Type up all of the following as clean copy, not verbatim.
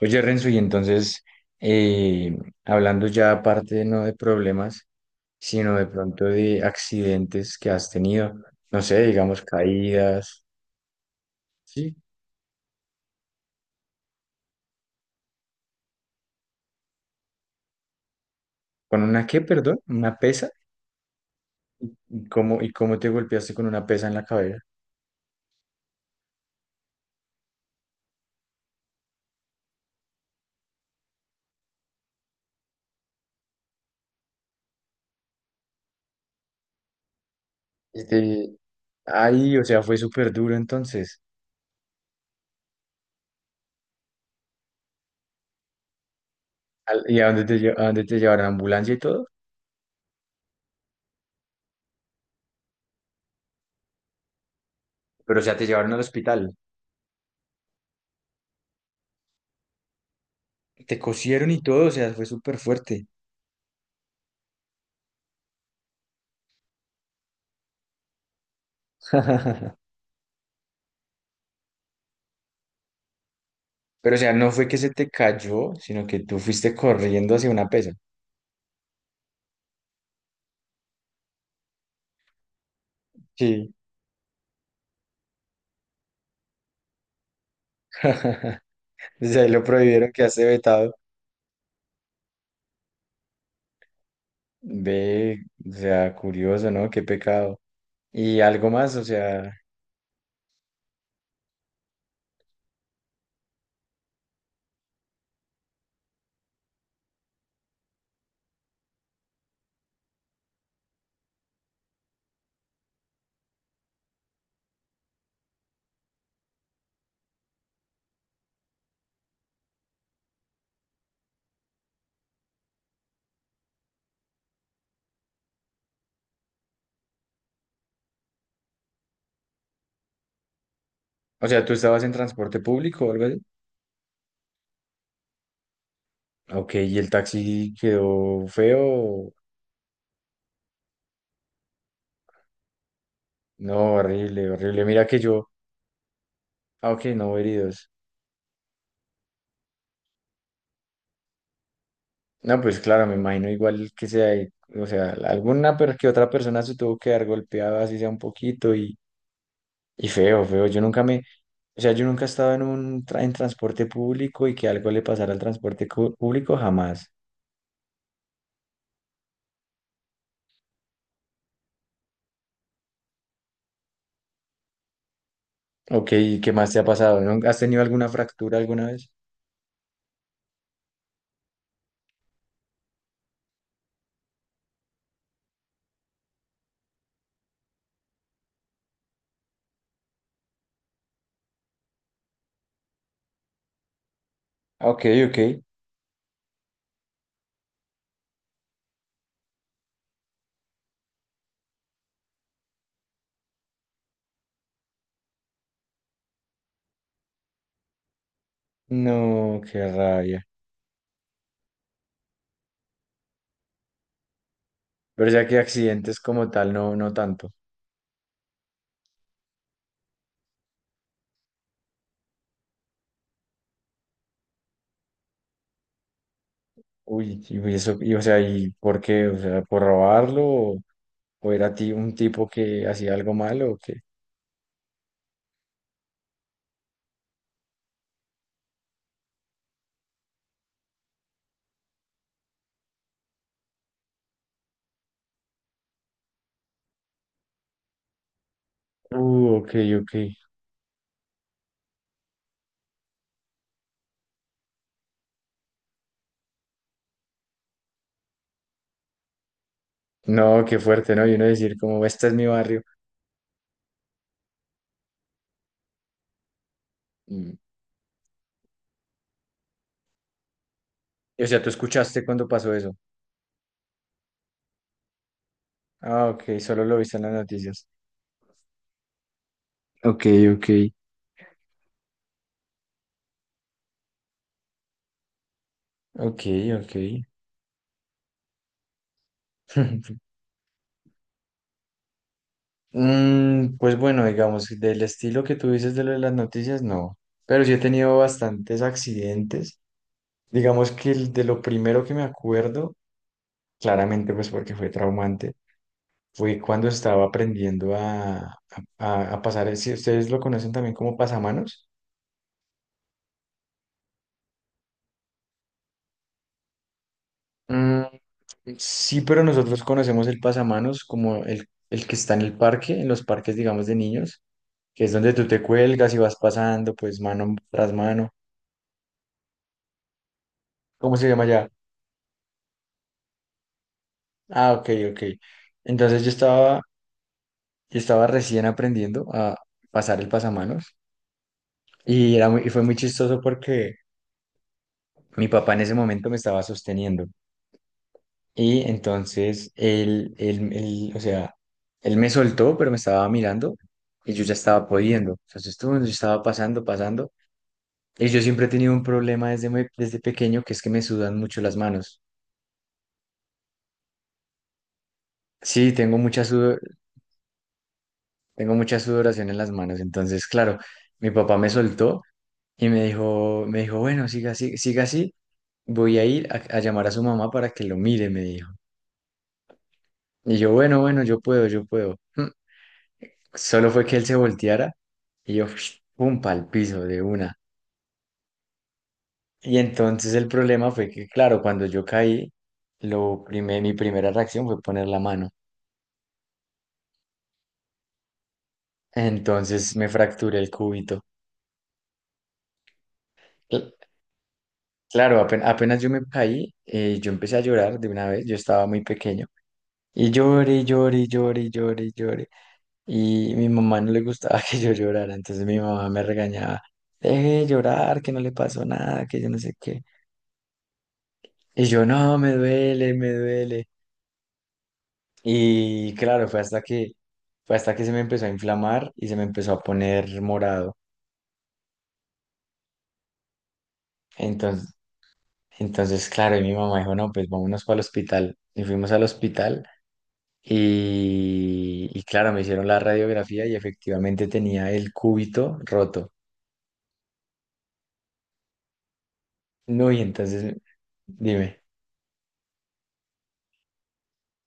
Oye, Renzo, y entonces, eh, hablando ya aparte no de problemas, sino de pronto de accidentes que has tenido, no sé, digamos caídas, ¿sí? ¿Con una qué, perdón? ¿Una pesa? ¿Y cómo te golpeaste con una pesa en la cabeza? Este, ay, o sea, fue súper duro entonces. ¿Y a dónde te, a dónde te llevaron? ¿A ambulancia y todo? Pero, o sea, te llevaron al hospital. Te cosieron y todo, o sea, fue súper fuerte. Pero, o sea, no fue que se te cayó, sino que tú fuiste corriendo hacia una pesa. Sí, desde ahí lo prohibieron, que hace vetado. Ve, o sea, curioso, ¿no? Qué pecado. Y algo más, o sea, tú estabas en transporte público o algo así. Ok, y el taxi quedó feo. No, horrible, horrible. Mira que yo, ah, ok, no hubo heridos. No, pues claro, me imagino igual que sea, o sea, alguna pero que otra persona se tuvo que dar golpeada, así sea un poquito, y feo, feo. Yo nunca me, o sea, yo nunca he estado en un en transporte público y que algo le pasara al transporte público, jamás. Ok, ¿y qué más te ha pasado? ¿No? ¿Has tenido alguna fractura alguna vez? Ah, ok, ok. No, qué rabia. Pero ya que accidentes como tal, no, no tanto. Uy, y uy, eso, y, o sea, ¿y por qué? O sea, ¿por robarlo? O era ti un tipo que hacía algo malo o qué? Ok, ok. No, qué fuerte, ¿no? Y uno decir como, este es mi barrio. O sea, tú escuchaste cuando pasó eso. Ah, ok, solo lo viste en las noticias. Ok, ok. Ok, ok. Mm, pues bueno, digamos, del estilo que tú dices de lo de las noticias, no. Pero sí he tenido bastantes accidentes. Digamos que el de lo primero que me acuerdo, claramente pues porque fue traumante, fue cuando estaba aprendiendo a pasar, si ustedes lo conocen también como pasamanos. Sí, pero nosotros conocemos el pasamanos como el que está en el parque, en los parques, digamos, de niños, que es donde tú te cuelgas y vas pasando, pues, mano tras mano. ¿Cómo se llama ya? Ah, ok, ok. Entonces yo estaba, yo estaba recién aprendiendo a pasar el pasamanos y, era y fue muy chistoso porque mi papá en ese momento me estaba sosteniendo y entonces él, o sea, él me soltó, pero me estaba mirando y yo ya estaba pudiendo. Entonces, tú, yo estaba pasando, pasando. Y yo siempre he tenido un problema desde, desde pequeño, que es que me sudan mucho las manos. Sí, tengo mucha sudor, tengo mucha sudoración en las manos. Entonces, claro, mi papá me soltó y me dijo, bueno, siga así, siga así. Voy a ir a llamar a su mamá para que lo mire, me dijo. Y yo, bueno, bueno, yo puedo, yo puedo. Mm. Solo fue que él se volteara y yo, pum, pa'l piso de una. Y entonces el problema fue que, claro, cuando yo caí, mi primera reacción fue poner la mano. Entonces me fracturé el cúbito. Cl- Claro, apenas, yo me caí, yo empecé a llorar de una vez, yo estaba muy pequeño. Y lloré, lloré, lloré, lloré, lloré. Y mi mamá no le gustaba que yo llorara, entonces mi mamá me regañaba, deje de llorar, que no le pasó nada, que yo no sé qué. Y yo, no, me duele, me duele. Y claro, fue hasta que se me empezó a inflamar y se me empezó a poner morado. Entonces Entonces, claro, y mi mamá dijo, no, pues vámonos para el hospital. Y fuimos al hospital y claro, me hicieron la radiografía y efectivamente tenía el cúbito roto. No, y entonces, dime,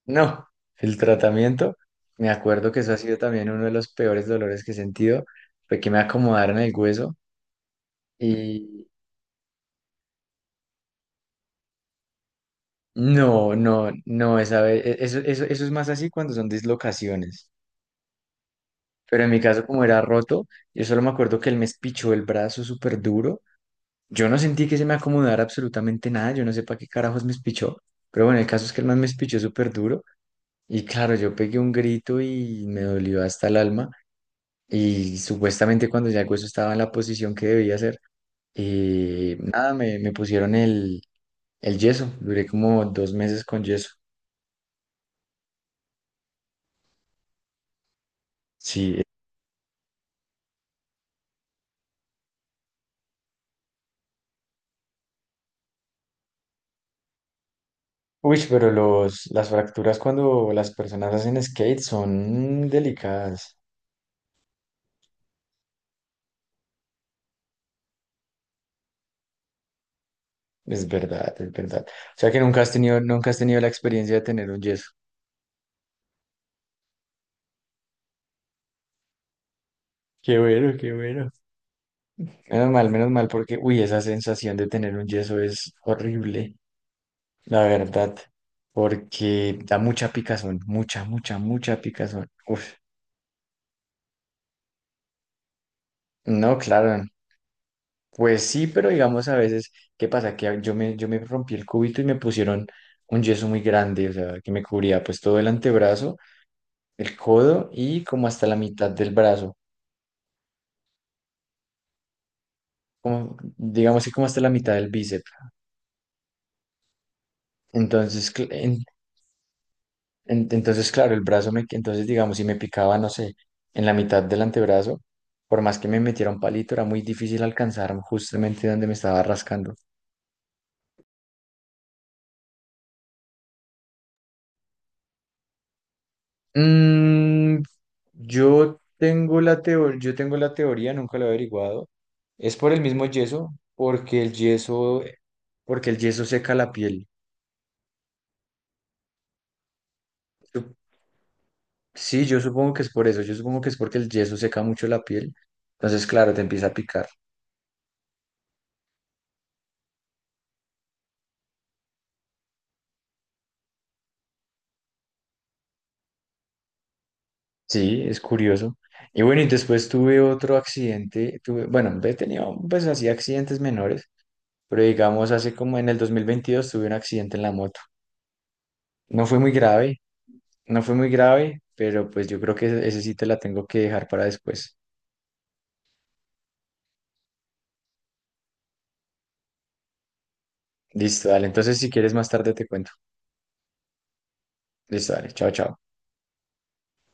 no, el tratamiento, me acuerdo que eso ha sido también uno de los peores dolores que he sentido, fue que me acomodaron el hueso y no, no, no, eso, eso es más así cuando son dislocaciones. Pero en mi caso, como era roto, yo solo me acuerdo que él me espichó el brazo súper duro. Yo no sentí que se me acomodara absolutamente nada, yo no sé para qué carajos me espichó, pero bueno, el caso es que el man me espichó súper duro y claro, yo pegué un grito y me dolió hasta el alma y supuestamente cuando ya el hueso estaba en la posición que debía ser, nada, me pusieron el yeso, duré como dos meses con yeso. Sí, uy, pero las fracturas cuando las personas hacen skate son delicadas, es verdad, es verdad. O sea que nunca has tenido, nunca has tenido la experiencia de tener un yeso. Qué bueno, qué bueno. Menos mal, porque, uy, esa sensación de tener un yeso es horrible, la verdad, porque da mucha picazón, mucha, mucha, mucha picazón. Uf, no, claro, pues sí, pero digamos a veces, ¿qué pasa? Que yo me rompí el cúbito y me pusieron un yeso muy grande, o sea, que me cubría pues todo el antebrazo, el codo y como hasta la mitad del brazo, como, digamos que como hasta la mitad del bíceps. Entonces, Entonces, claro, el brazo me, entonces digamos, si me picaba, no sé, en la mitad del antebrazo, por más que me metiera un palito, era muy difícil alcanzar justamente donde me estaba rascando. Mm, yo tengo la teoría, nunca lo he averiguado. Es por el mismo yeso, porque el yeso seca la piel. Sup- Sí, yo supongo que es por eso, yo supongo que es porque el yeso seca mucho la piel. Entonces, claro, te empieza a picar. Sí, es curioso. Y bueno, y después tuve otro accidente, tuve, bueno, he tenido pues así accidentes menores, pero digamos hace como en el 2022 tuve un accidente en la moto. No fue muy grave, no fue muy grave, pero pues yo creo que ese sí te la tengo que dejar para después. Listo, dale. Entonces si quieres más tarde te cuento. Listo, dale. Chao, chao.